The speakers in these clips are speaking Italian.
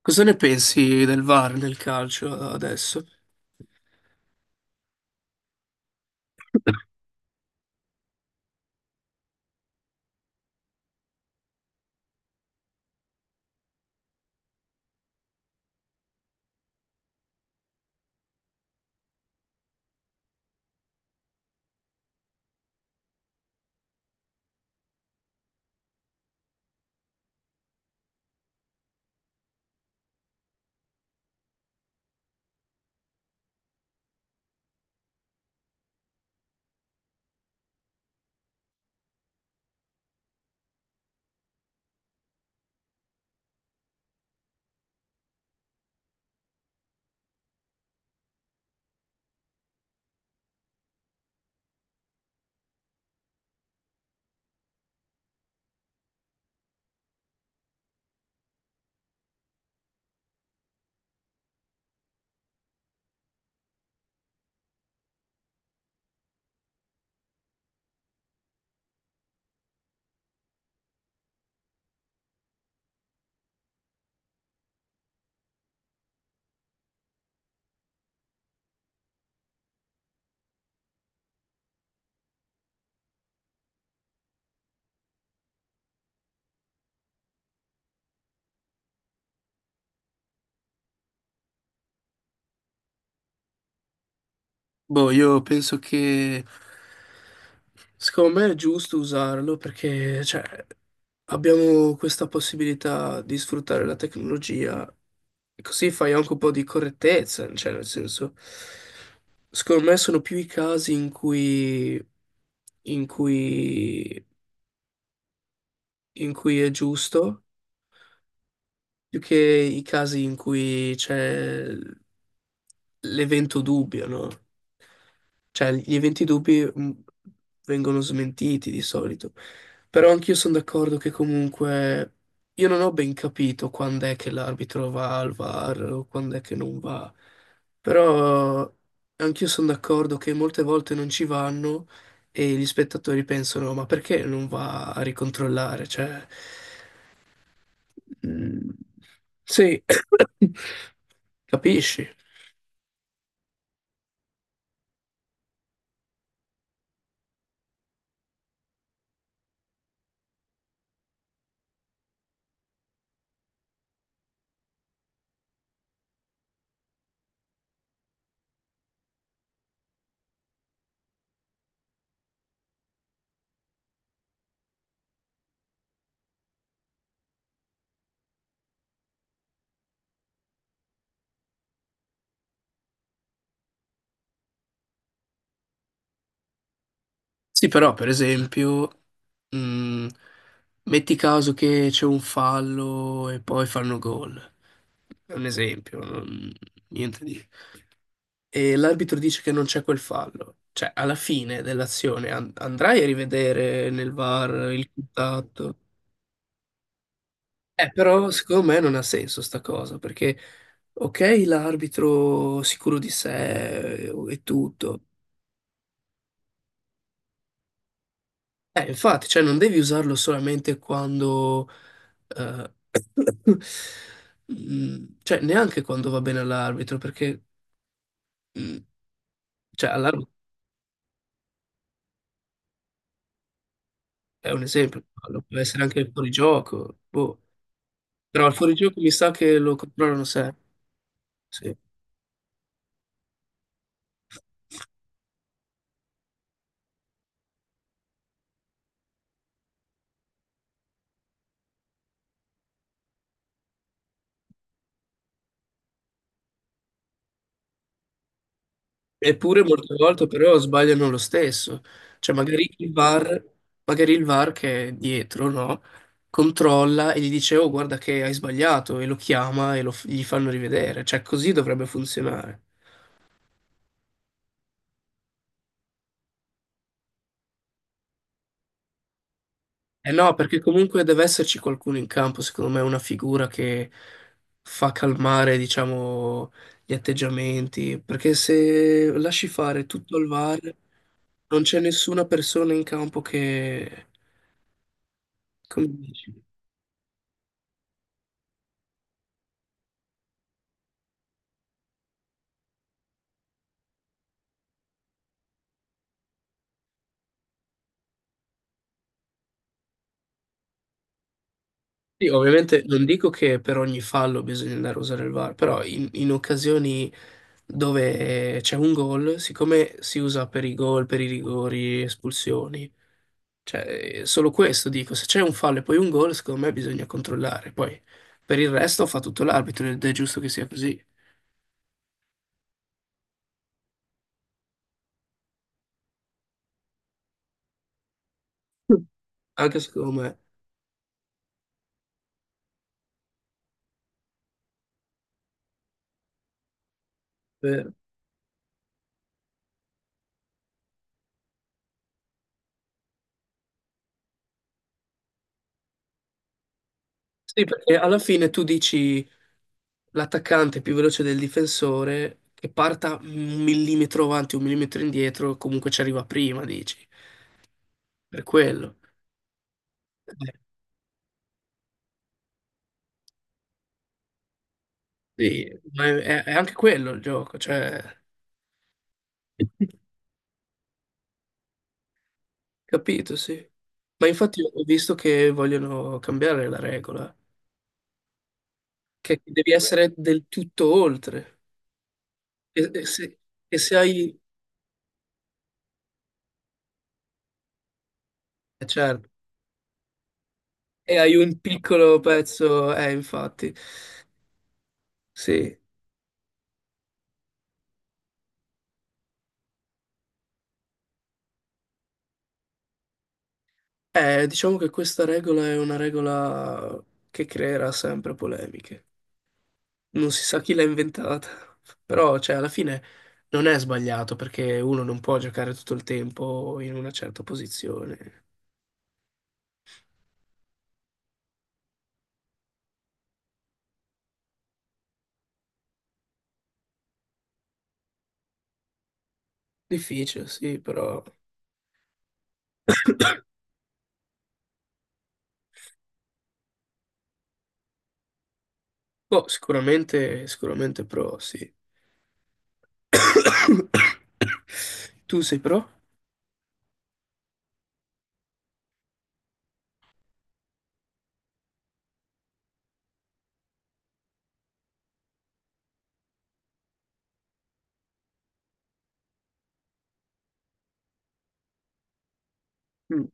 Cosa ne pensi del VAR nel calcio adesso? Boh, io penso che secondo me è giusto usarlo perché cioè, abbiamo questa possibilità di sfruttare la tecnologia e così fai anche un po' di correttezza, cioè nel senso, secondo me sono più i casi in cui, in cui è giusto. Più che i casi in cui c'è l'evento dubbio, no? Cioè, gli eventi dubbi vengono smentiti di solito. Però anch'io sono d'accordo che comunque io non ho ben capito quando è che l'arbitro va al VAR o quando è che non va. Però anch'io sono d'accordo che molte volte non ci vanno e gli spettatori pensano, ma perché non va a ricontrollare? Cioè, Mm, sì, capisci? Sì, però per esempio, mm, metti caso che c'è un fallo e poi fanno gol. È un esempio, niente di... E l'arbitro dice che non c'è quel fallo. Cioè, alla fine dell'azione andrai a rivedere nel VAR il contatto. Però secondo me non ha senso sta cosa, perché ok, l'arbitro sicuro di sé e tutto. Infatti, cioè non devi usarlo solamente quando, eh, cioè neanche quando va bene all'arbitro, perché mm, cioè, all'arbitro è un esempio, lo può essere anche il fuorigioco, boh. Però il fuorigioco mi sa che lo controllano sempre, sì. Eppure molte volte però sbagliano lo stesso, cioè magari il VAR, magari il VAR che è dietro, no? Controlla e gli dice oh guarda che hai sbagliato e lo chiama e gli fanno rivedere, cioè così dovrebbe funzionare. Eh no, perché comunque deve esserci qualcuno in campo, secondo me, una figura che fa calmare, diciamo, gli atteggiamenti, perché se lasci fare tutto al VAR non c'è nessuna persona in campo che... Come dici? Sì, ovviamente non dico che per ogni fallo bisogna andare a usare il VAR, però in occasioni dove c'è un gol, siccome si usa per i gol, per i rigori, espulsioni, cioè solo questo dico, se c'è un fallo e poi un gol, secondo me bisogna controllare. Poi per il resto fa tutto l'arbitro ed è giusto che sia così. Mm. Anche secondo me. Eh, Sì, perché alla fine tu dici l'attaccante è più veloce del difensore che parta un millimetro avanti, un millimetro indietro, comunque ci arriva prima, dici. Per quello. Eh, Sì, ma è è anche quello il gioco, cioè, capito, sì. Ma infatti ho visto che vogliono cambiare la regola, che devi essere del tutto oltre. E, e se, e se hai, certo, e hai un piccolo pezzo, infatti, sì. Diciamo che questa regola è una regola che creerà sempre polemiche. Non si sa chi l'ha inventata, però cioè, alla fine non è sbagliato perché uno non può giocare tutto il tempo in una certa posizione. Difficile, sì, però boh, sicuramente, sicuramente pro, sì. Tu sei pro? Mm.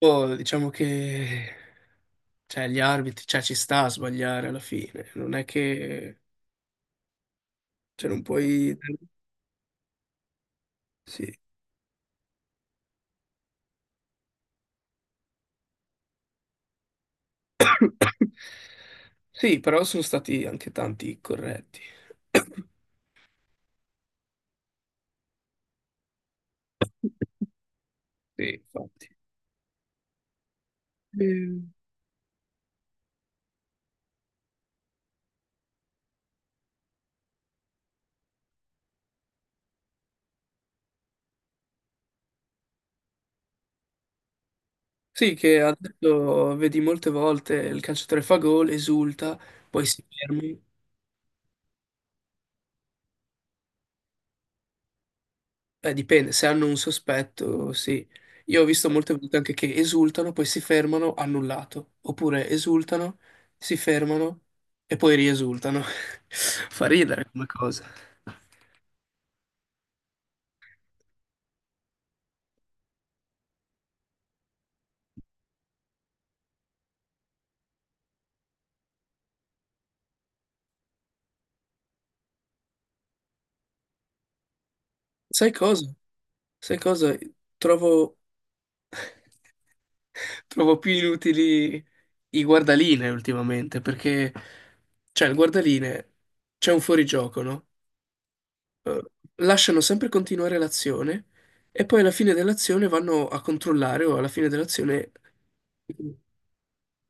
Boh, diciamo che cioè, gli arbitri, cioè, ci sta a sbagliare alla fine, non è che cioè, non puoi... Sì. Sì, però sono stati anche tanti corretti. Sì, infatti. Eh, sì, che adesso vedi molte volte il calciatore fa gol, esulta, poi si ferma. Dipende, se hanno un sospetto, sì. Io ho visto molte volte anche che esultano, poi si fermano, annullato. Oppure esultano, si fermano e poi riesultano. Fa ridere come cosa. Sai cosa? Sai cosa? Trovo... Trovo più inutili i guardaline ultimamente, perché, cioè, il guardaline c'è un fuorigioco, no? Eh, lasciano sempre continuare l'azione e poi alla fine dell'azione vanno a controllare o alla fine dell'azione...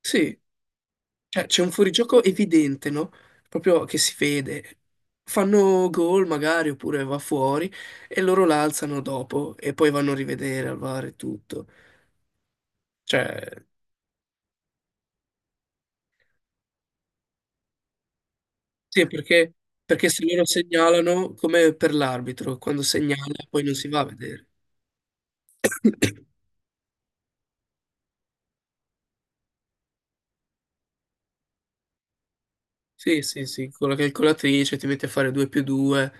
Sì, cioè, c'è un fuorigioco evidente, no? Proprio che si vede. Fanno gol magari oppure va fuori e loro l'alzano dopo e poi vanno a rivedere al VAR e tutto. Cioè... Sì, perché, perché se loro segnalano, come per l'arbitro, quando segnala poi non si va a vedere. Sì, sì, sì, con la calcolatrice ti metti a fare 2 più 2,